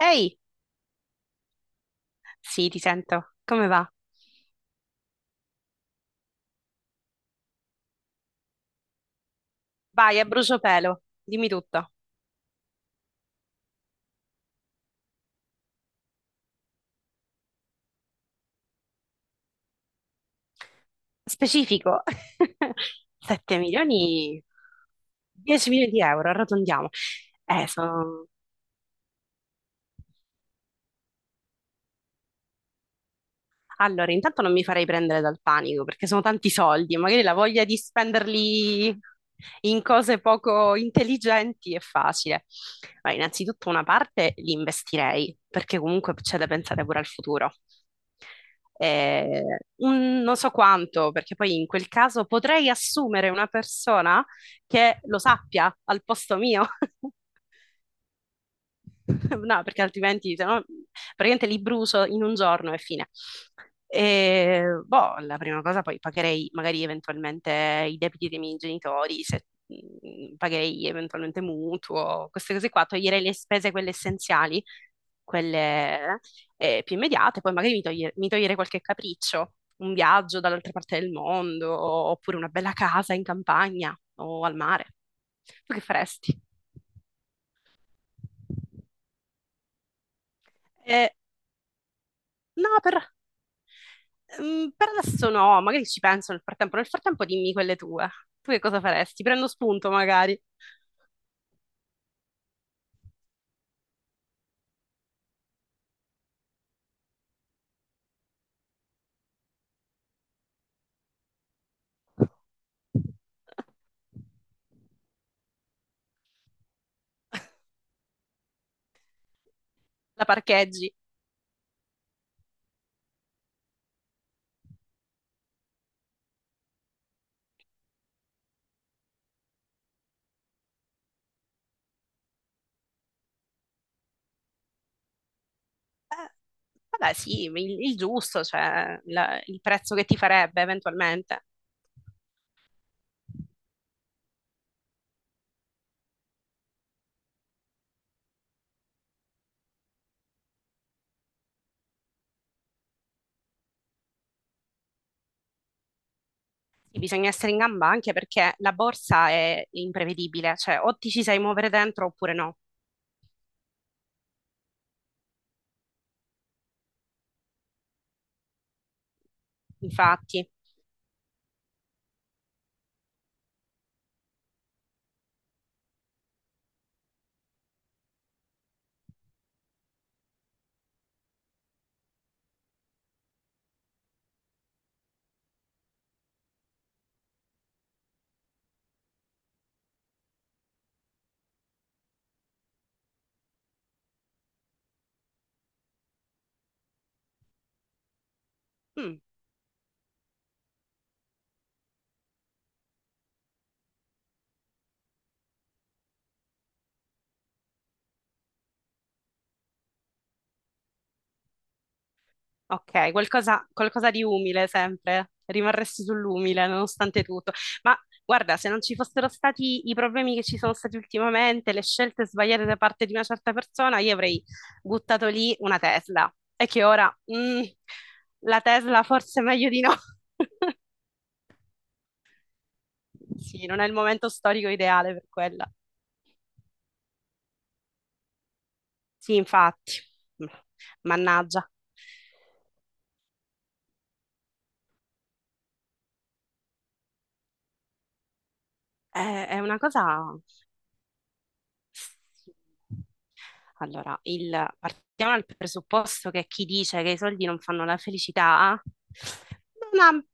Ehi, sì, ti sento. Come va? Vai, a bruciopelo, dimmi tutto. Specifico. 7 milioni, 10 milioni di euro, arrotondiamo. Sono Allora, intanto non mi farei prendere dal panico perché sono tanti soldi, magari la voglia di spenderli in cose poco intelligenti è facile. Ma innanzitutto una parte li investirei perché comunque c'è da pensare pure al futuro. Eh, Non so quanto, perché poi in quel caso potrei assumere una persona che lo sappia al posto mio. No, perché altrimenti se no, praticamente li brucio in un giorno e fine. E, boh, la prima cosa poi pagherei magari eventualmente i debiti dei miei genitori, se, pagherei eventualmente mutuo, queste cose qua, toglierei le spese quelle essenziali, quelle più immediate, poi magari mi toglierei qualche capriccio, un viaggio dall'altra parte del mondo, oppure una bella casa in campagna o al mare. Tu che faresti? Eh, no, per adesso no, magari ci penso nel frattempo. Nel frattempo dimmi quelle tue. Tu che cosa faresti? Prendo spunto magari. La parcheggi. Eh, vabbè, sì, il giusto, cioè il prezzo che ti farebbe eventualmente. Sì, bisogna essere in gamba anche perché la borsa è imprevedibile, cioè o ti ci sai muovere dentro oppure no. Infatti. Mm. Ok, qualcosa, qualcosa di umile sempre, rimarresti sull'umile nonostante tutto. Ma guarda, se non ci fossero stati i problemi che ci sono stati ultimamente, le scelte sbagliate da parte di una certa persona, io avrei buttato lì una Tesla. E che ora, la Tesla forse è meglio di no. Sì, non è il momento storico ideale per quella. Sì, infatti. Mannaggia. È una cosa. Allora, partiamo dal presupposto che chi dice che i soldi non fanno la felicità non ha,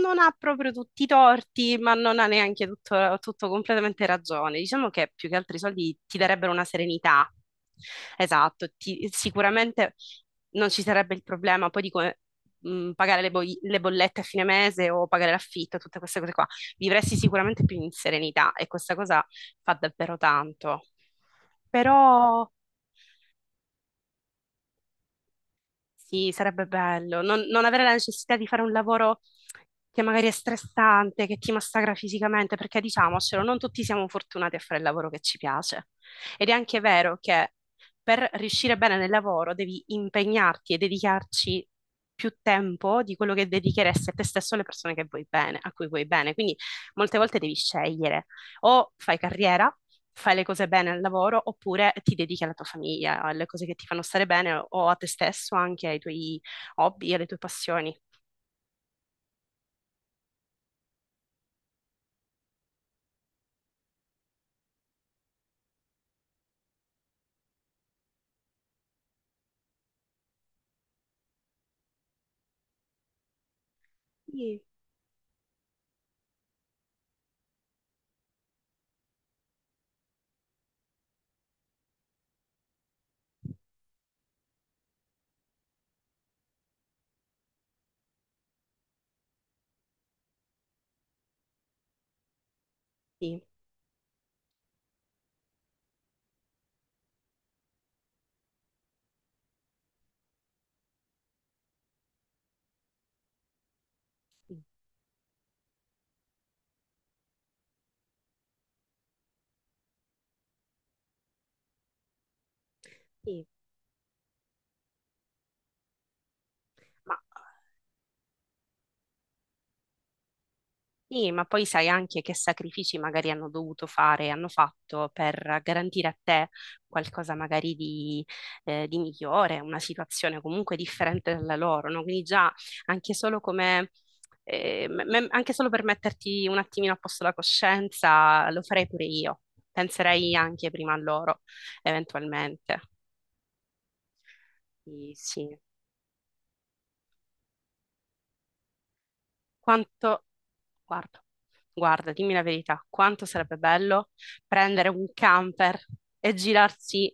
non ha proprio tutti i torti, ma non ha neanche tutto, tutto completamente ragione. Diciamo che più che altro i soldi ti darebbero una serenità. Esatto, ti sicuramente non ci sarebbe il problema poi di come, pagare le bollette a fine mese o pagare l'affitto, tutte queste cose qua. Vivresti sicuramente più in serenità e questa cosa fa davvero tanto. Però sì, sarebbe bello non avere la necessità di fare un lavoro che magari è stressante, che ti massacra fisicamente, perché diciamocelo, non tutti siamo fortunati a fare il lavoro che ci piace. Ed è anche vero che per riuscire bene nel lavoro devi impegnarti e dedicarci più tempo di quello che dedicheresti a te stesso e alle persone che vuoi bene, a cui vuoi bene. Quindi molte volte devi scegliere o fai carriera, fai le cose bene al lavoro oppure ti dedichi alla tua famiglia, alle cose che ti fanno stare bene o a te stesso, anche ai tuoi hobby, alle tue passioni. Sì, sì, sì. Ma Sì, ma poi sai anche che sacrifici magari hanno dovuto fare, hanno fatto per garantire a te qualcosa magari di migliore, una situazione comunque differente dalla loro, no? Quindi già anche solo come, anche solo per metterti un attimino a posto la coscienza, lo farei pure io. Penserei anche prima a loro, eventualmente. Sì. Quanto Guarda, guarda, dimmi la verità, quanto sarebbe bello prendere un camper e girarsi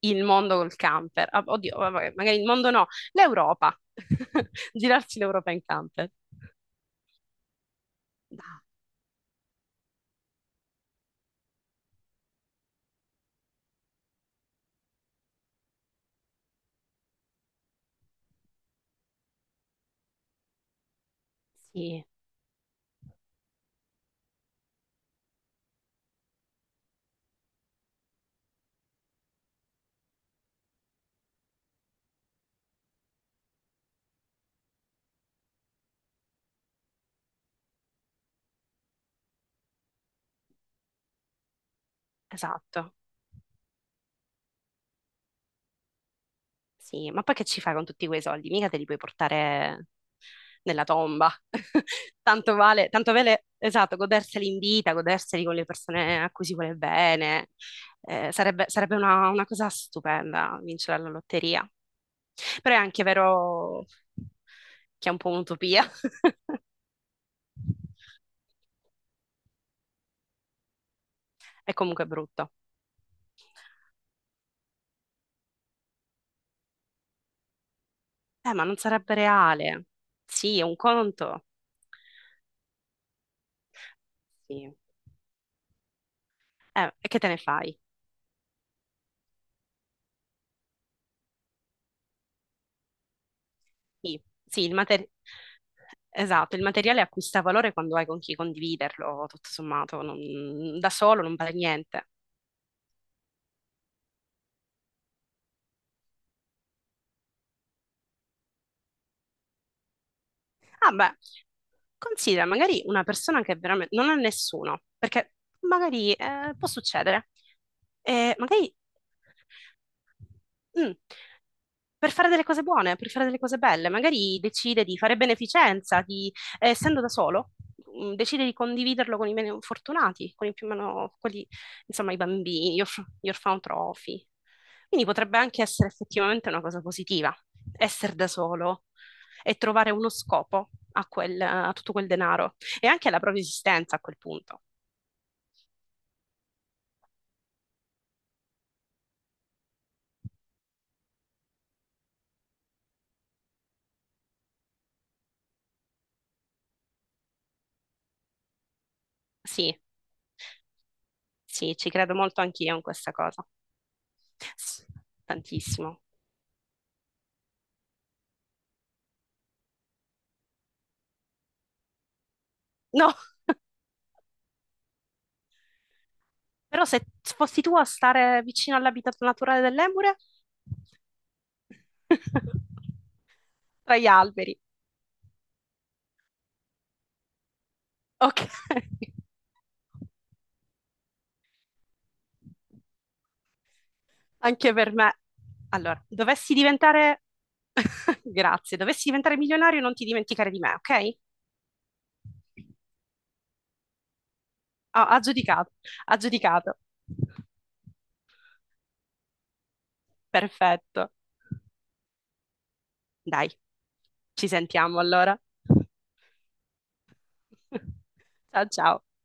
il mondo col camper. Ah, Oddio, vabbè, magari il mondo no, l'Europa. Girarsi l'Europa in camper. Dai, sì, esatto. Sì, ma poi che ci fai con tutti quei soldi? Mica te li puoi portare nella tomba. Tanto vale, esatto, goderseli in vita, goderseli con le persone a cui si vuole bene. Sarebbe una cosa stupenda vincere la lotteria. Però è anche vero che è un po' un'utopia. È comunque brutto. Ma non sarebbe reale. Sì, è un conto. Sì. E che te ne fai? Sì, sì, esatto, il materiale acquista valore quando hai con chi condividerlo, tutto sommato, da solo non vale niente. Ah beh, considera magari una persona che veramente non ha nessuno, perché magari può succedere. E magari mm, per fare delle cose buone, per fare delle cose belle, magari decide di fare beneficenza, essendo da solo, decide di condividerlo con i meno fortunati, con i più meno, quelli, insomma, i bambini, gli orfanotrofi. Quindi potrebbe anche essere effettivamente una cosa positiva, essere da solo, e trovare uno scopo a quel, a tutto quel denaro e anche alla propria esistenza a quel punto. Sì, sì, ci credo molto anch'io in questa cosa. S- Tantissimo. No, però se fossi tu a stare vicino all'habitat naturale dell'Emure, tra gli alberi. Ok, anche per me. Allora, dovessi diventare. Grazie, dovessi diventare milionario non ti dimenticare di me, ok? Ah, ha giudicato, ha giudicato. Perfetto. Dai, ci sentiamo allora. Ciao ciao.